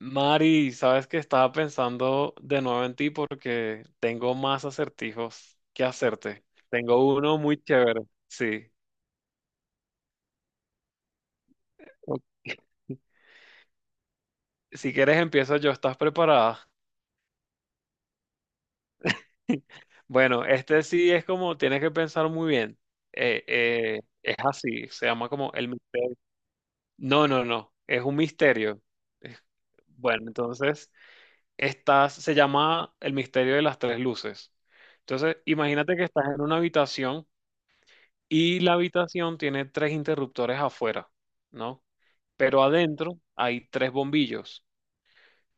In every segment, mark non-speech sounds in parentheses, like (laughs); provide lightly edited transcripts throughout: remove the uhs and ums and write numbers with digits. Mari, sabes que estaba pensando de nuevo en ti porque tengo más acertijos que hacerte. Tengo uno muy chévere. Sí. Ok. Si quieres empiezo yo, ¿estás preparada? (laughs) Bueno, este sí es como, tienes que pensar muy bien. Es así, se llama como el... mis- No, no, no, es un misterio. Es- Bueno, entonces, estás, se llama el misterio de las tres luces. Entonces, imagínate que estás en una habitación. Y la habitación tiene tres interruptores afuera, ¿no? Pero adentro hay tres bombillos.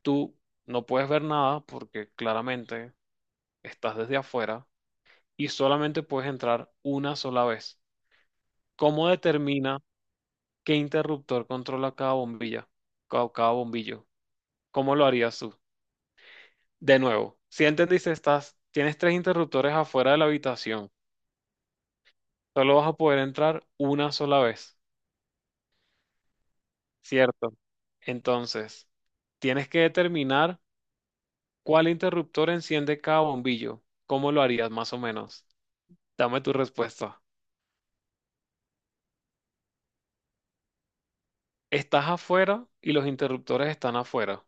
Tú no puedes ver nada porque claramente estás desde afuera y solamente puedes entrar una sola vez. ¿Cómo determina qué interruptor controla cada bombilla, cada bombillo? ¿Cómo lo harías tú? De nuevo, si entendiste, estás, tienes tres interruptores afuera de la habitación. Solo vas a poder entrar una sola vez. Cierto. Entonces, tienes que determinar cuál interruptor enciende cada bombillo. ¿Cómo lo harías más o menos? Dame tu respuesta. Estás afuera y los interruptores están afuera,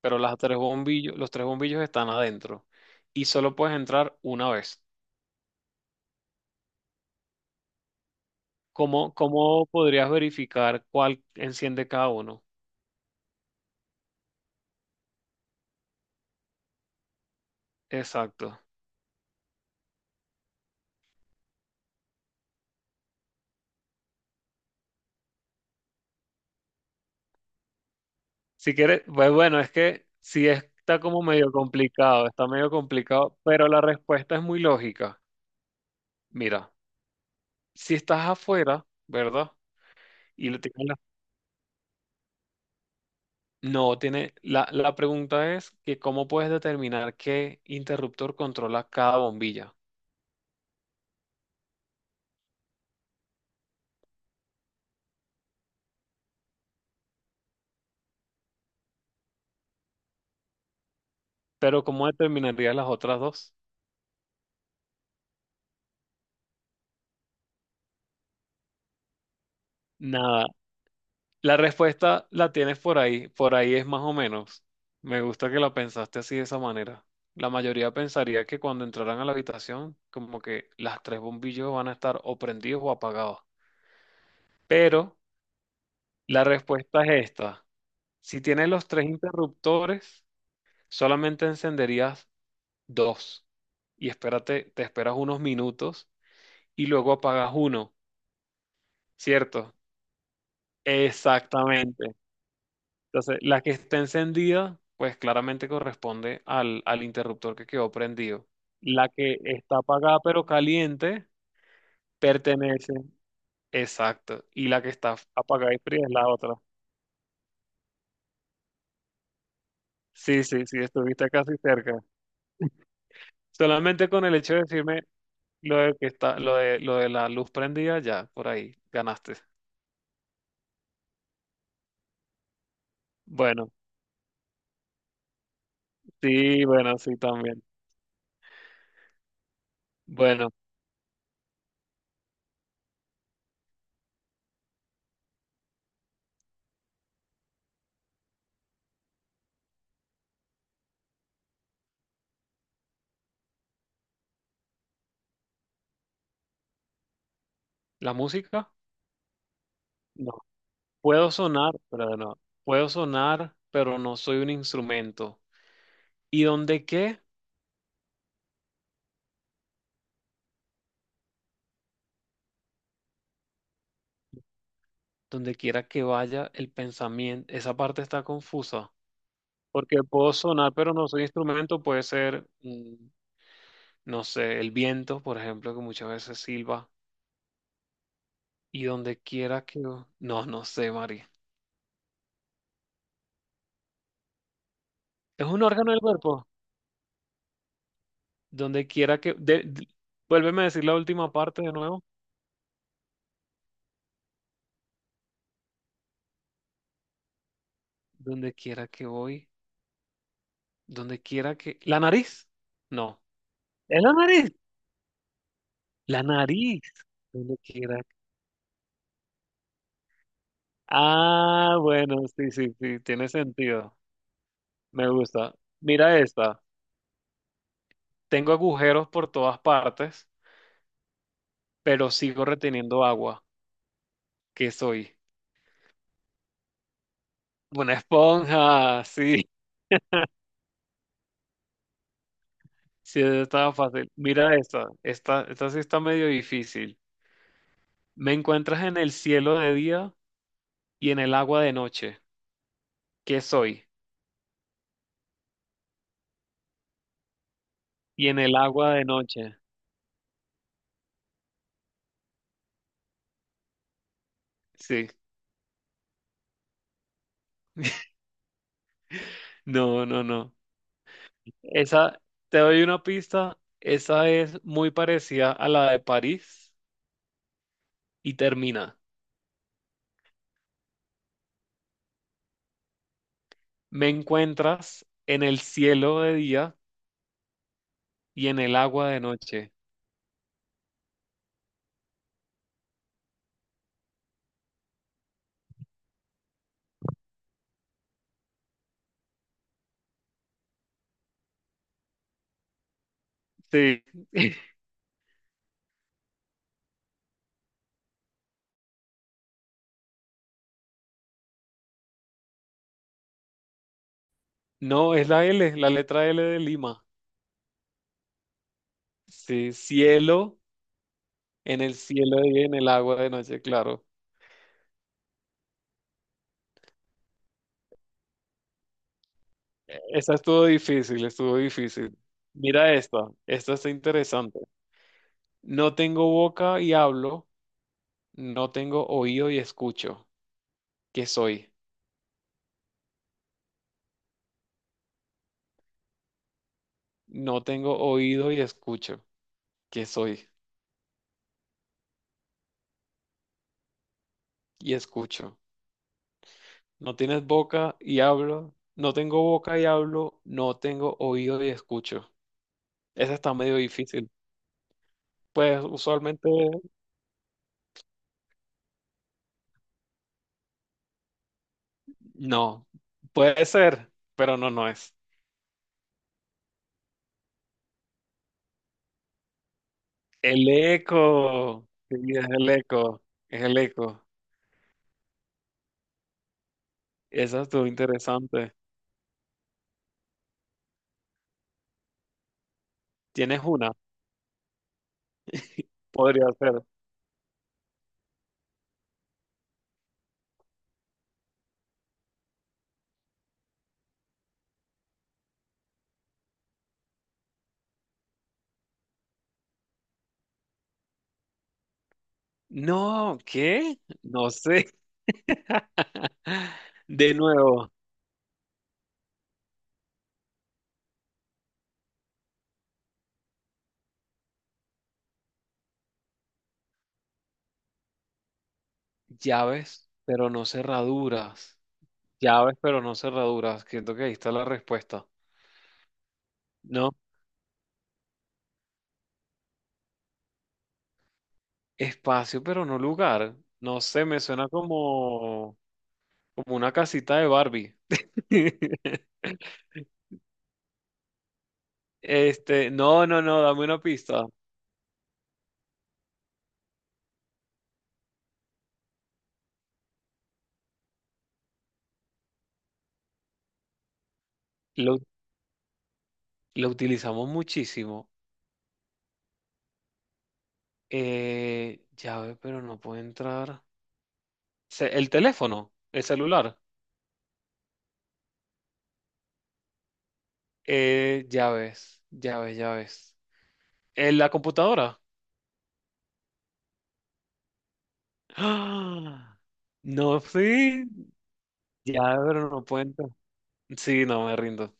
pero las tres bombillos, los tres bombillos están adentro y solo puedes entrar una vez. ¿Cómo, cómo podrías verificar cuál enciende cada uno? Exacto. Si quieres, pues bueno, es que sí está como medio complicado, está medio complicado, pero la respuesta es muy lógica. Mira, si estás afuera, ¿verdad? Y le tienen la- No, tiene... La pregunta es que cómo puedes determinar qué interruptor controla cada bombilla. Pero ¿cómo determinarías las otras dos? Nada. La respuesta la tienes por ahí. Por ahí es más o menos. Me gusta que la pensaste así de esa manera. La mayoría pensaría que cuando entraran a la habitación, como que las tres bombillas van a estar o prendidos o apagados. Pero la respuesta es esta. Si tienes los tres interruptores, solamente encenderías dos y espérate, te esperas unos minutos y luego apagas uno, ¿cierto? Exactamente. Entonces, la que está encendida, pues claramente corresponde al interruptor que quedó prendido. La que está apagada pero caliente pertenece. Exacto. Y la que está apagada y fría es la otra. Sí, sí, sí, estuviste casi cerca. Solamente con el hecho de decirme lo de que está, lo de la luz prendida, ya, por ahí, ganaste. Bueno, sí, bueno, sí también. Bueno, la música, no. Puedo sonar, pero no. Puedo sonar, pero no soy un instrumento. ¿Y dónde qué? Donde quiera que vaya el pensamiento, esa parte está confusa. Porque puedo sonar, pero no soy instrumento, puede ser, no sé, el viento, por ejemplo, que muchas veces silba. Y donde quiera que... No, no sé, Mari. ¿Es un órgano del cuerpo? Donde quiera que... de- Vuélveme a decir la última parte de nuevo. Donde quiera que voy, donde quiera que... ¿La nariz? No. ¿Es la nariz? La nariz. Donde quiera. Ah, bueno, sí, sí, sí, tiene sentido. Me gusta. Mira esta. Tengo agujeros por todas partes, pero sigo reteniendo agua. ¿Qué soy? Una esponja, (laughs) sí. Sí, esa estaba fácil. Mira esta. Esta sí está medio difícil. Me encuentras en el cielo de día y en el agua de noche. ¿Qué soy? Y en el agua de noche. Sí. (laughs) No, no, no. Esa, te doy una pista. Esa es muy parecida a la de París y termina. Me encuentras en el cielo de día y en el agua de noche. Sí. (laughs) No, es la L, la letra L de Lima. Sí, cielo, en el cielo de día y en el agua de noche, claro. Esa estuvo difícil, estuvo difícil. Mira esta, esta está interesante. No tengo boca y hablo. No tengo oído y escucho. ¿Qué soy? No tengo oído y escucho. ¿Qué soy? Y escucho. No tienes boca y hablo. No tengo boca y hablo. No tengo oído y escucho. Esa está medio difícil. Pues usualmente no. Puede ser, pero no, no es. El eco. Sí, es el eco. Es el eco. Esa estuvo interesante. ¿Tienes una? Podría ser. No, ¿qué? No sé. (laughs) De nuevo, llaves, pero no cerraduras. Llaves, pero no cerraduras. Siento que ahí está la respuesta. No, espacio, pero no lugar. No sé, me suena como, como una casita de Barbie. (laughs) Este, no, no, no, dame una pista. Lo, lo utilizamos muchísimo. Llave, pero no puede entrar. Se- El teléfono, el celular. Llaves en la computadora. ¡Ah! No, sí, ya, pero no cuenta. Sí, no me rindo.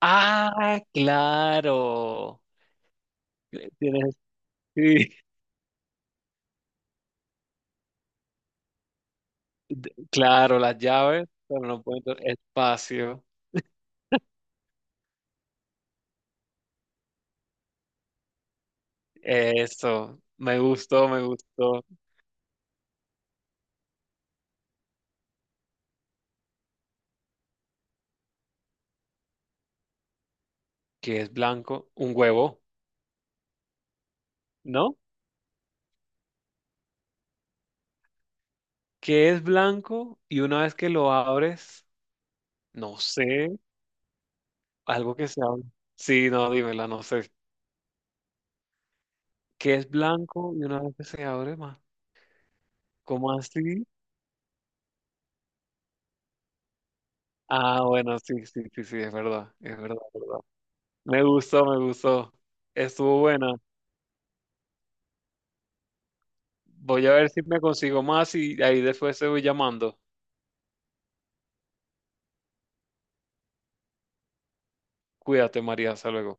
Ah, claro. Tienes, sí, (laughs) claro, las llaves, pero no cuento espacio. Eso, me gustó, me gustó. ¿Qué es blanco? Un huevo, ¿no? ¿Qué es blanco? Y una vez que lo abres, no sé, algo que se abre. Sí, no, dímela, no sé. ¿Qué es blanco y una vez que se abre, más? ¿Cómo así? Ah, bueno, sí, sí, sí, sí, es verdad, es verdad, es verdad. Me gustó, me gustó. Estuvo buena. Voy a ver si me consigo más y ahí después te voy llamando. Cuídate, María, hasta luego.